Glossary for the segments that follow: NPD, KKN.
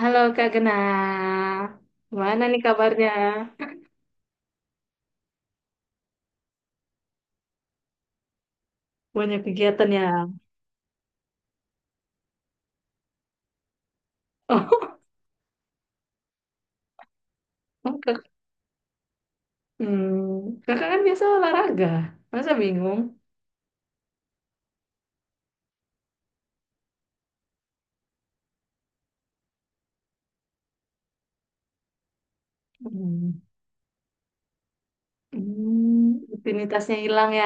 Halo Kak Gena, gimana nih kabarnya? Banyak kegiatan ya? Oh, oh, kak, kakak kan biasa olahraga, masa bingung? Hmm, rutinitasnya hilang ya?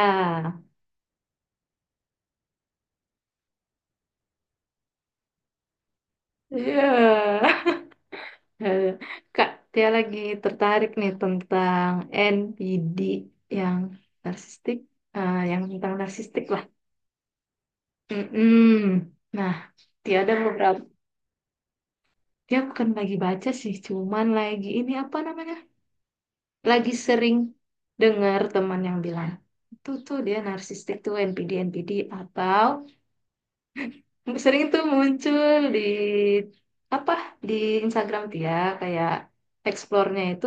Iya. Eh, Kak, dia lagi tertarik nih tentang NPD yang narsistik, eh, yang tentang narsistik lah. Mm-mm. Nah, dia ada beberapa, dia bukan lagi baca sih, cuman lagi ini apa namanya? Lagi sering dengar teman yang bilang, itu tuh dia narsistik tuh NPD NPD atau sering tuh muncul di apa di Instagram dia, kayak explore-nya itu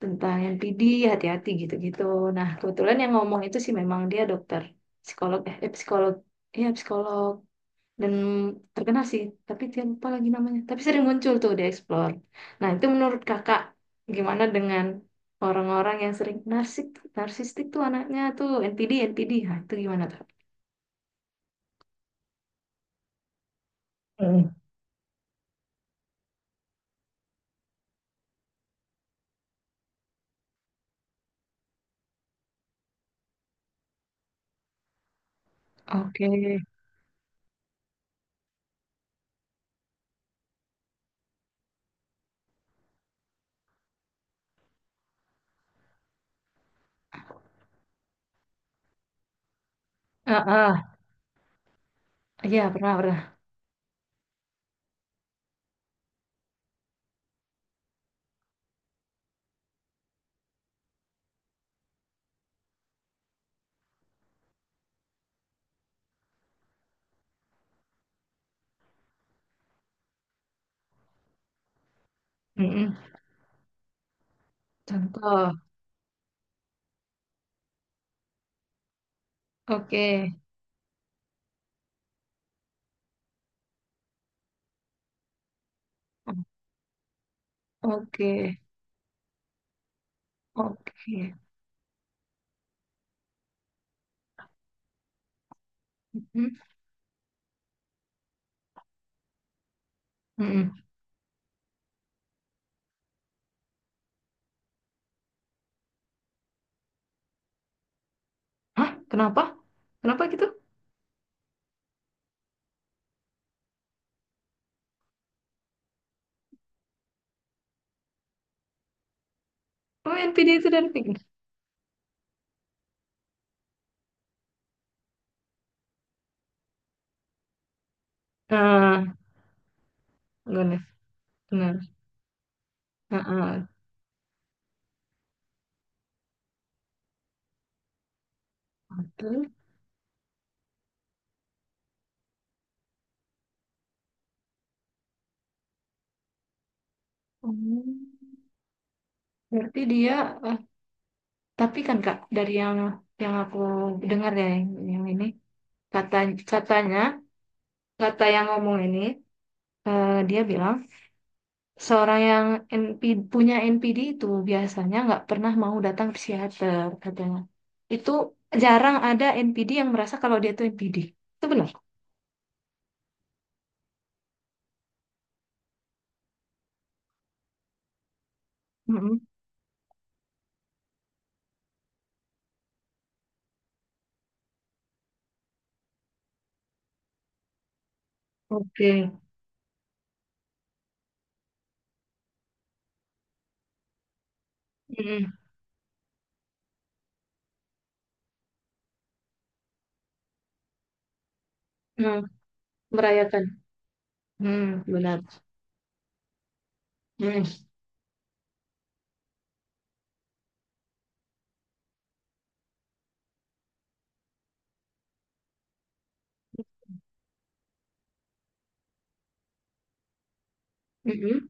tentang NPD, hati-hati gitu-gitu. Nah, kebetulan yang ngomong itu sih memang dia dokter psikolog, psikolog. Iya, psikolog, dan terkenal sih, tapi dia lupa lagi namanya, tapi sering muncul tuh di Explore. Nah, itu menurut kakak gimana dengan orang-orang yang sering narsistik, tuh anaknya tuh NPD NPD, nah itu gimana tuh? Mm. Oke. Ah, ah. Iya, pernah, pernah. Mm-mm. Contoh. Oke. Oke. Oke. Mm. Mm-mm. Hah? Kenapa? Kenapa gitu? Oh, NPD itu dan Pink. Ah, benar. Benar. Ah, ah. Satu. Oh. Berarti dia, eh, tapi kan Kak, dari yang aku dengar ya, yang ini, kata katanya, kata yang ngomong ini, eh, dia bilang seorang yang NP, punya NPD itu biasanya nggak pernah mau datang ke psikiater katanya. Itu jarang ada NPD yang merasa kalau dia tuh NPD. Itu benar. Mm-mm. Oke. Mm-mm. Mm. Merayakan. Hmm, benar. Hmm. Mm-mm.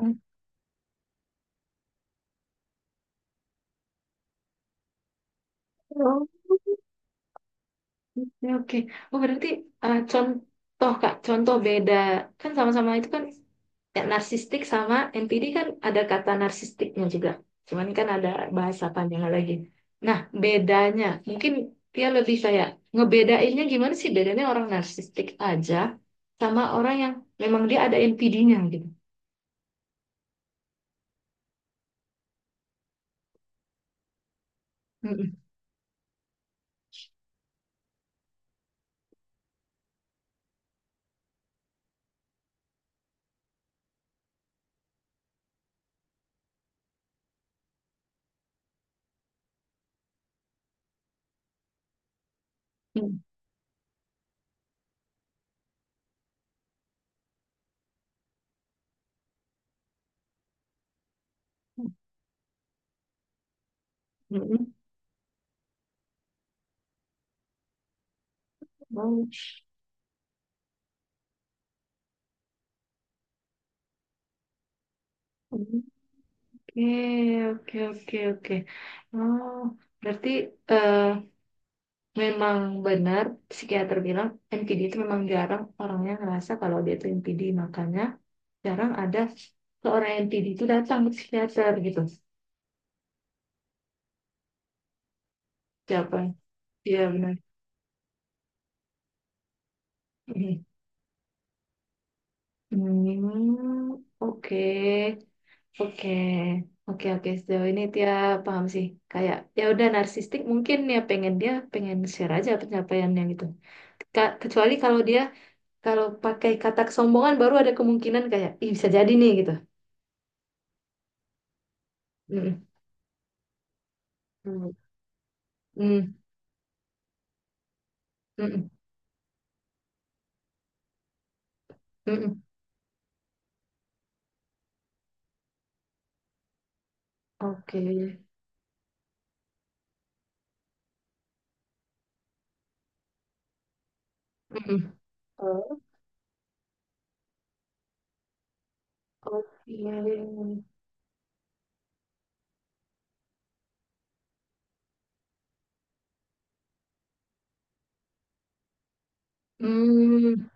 Mm-mm. Oke, oke. Oh, berarti, contoh, Kak, contoh beda. Kan sama-sama itu kan ya, narsistik sama NPD kan ada kata narsistiknya juga. Cuman kan ada bahasa panjang lagi. Nah, bedanya mungkin dia lebih kayak, ngebedainnya gimana sih bedanya orang narsistik aja sama orang yang memang dia ada NPD-nya gitu. Mm-mm. Mm-mm. Oh, oke, oke, oke, oke. Oh, berarti eh, memang benar psikiater bilang NPD itu memang jarang orangnya ngerasa kalau dia itu NPD, makanya jarang ada seorang NPD itu datang ke psikiater gitu. Siapa. Iya, benar. Mhm. Oke, oke, oke, oke, sejauh ini dia paham sih, kayak ya udah narsistik mungkin ya, pengen dia pengen share aja pencapaiannya gitu. Kecuali kalau dia kalau pakai kata kesombongan baru ada kemungkinan, kayak Ih, bisa jadi nih gitu. Mm-mm. Hmm, mm, mm, mm. Oke. Mm, oh. Oke. Hmm,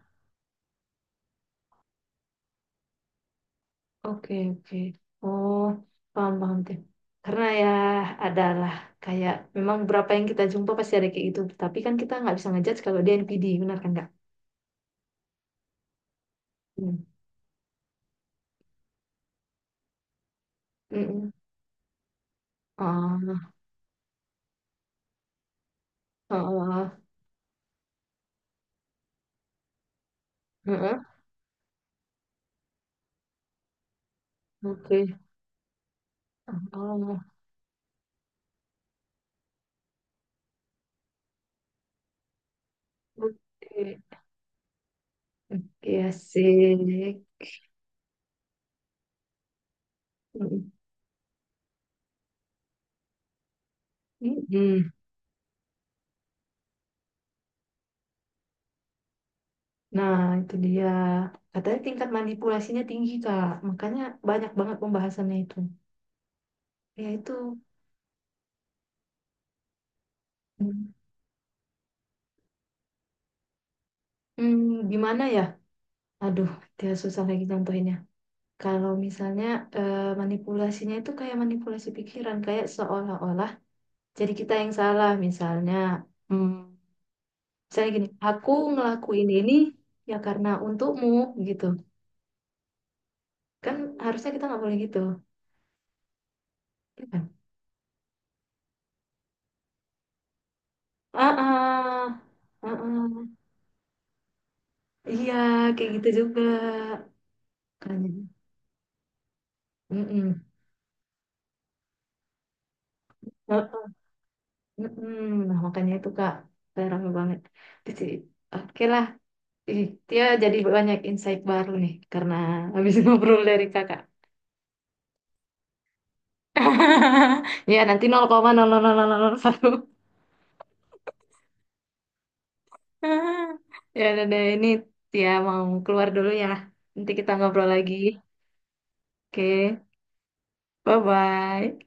oke, oke. Oh, paham, paham deh. Karena ya adalah, kayak memang berapa yang kita jumpa pasti ada kayak gitu. Tapi kan kita nggak bisa ngejudge kalau dia NPD, benar kan nggak? Hmm. Mm-mm. Ah, ah, ah. Mm. Oke. Ah, oke. Oke, asik. Mm-mm. Mm-mm. Nah, itu dia. Katanya tingkat manipulasinya tinggi, Kak. Makanya banyak banget pembahasannya itu. Ya, itu. Hmm, Hmm, gimana ya? Aduh, dia susah lagi contohinnya. Kalau misalnya manipulasinya itu kayak manipulasi pikiran. Kayak seolah-olah jadi kita yang salah. Misalnya, hmm, misalnya gini, aku ngelakuin ini ya karena untukmu, gitu. Kan harusnya kita nggak boleh gitu. Ya kan? Ah, ah, ah, ah. Iya, kayak gitu juga. Makanya. Mm-mm. Nah, mm-mm. Nah, makanya itu Kak, saya rame banget. Di sini. Oke lah, Ih, dia jadi banyak insight baru nih karena habis ngobrol dari kakak. Ya nanti 0,00001. Ya udah deh, ini Tia mau keluar dulu ya. Nanti kita ngobrol lagi. Oke, bye-bye.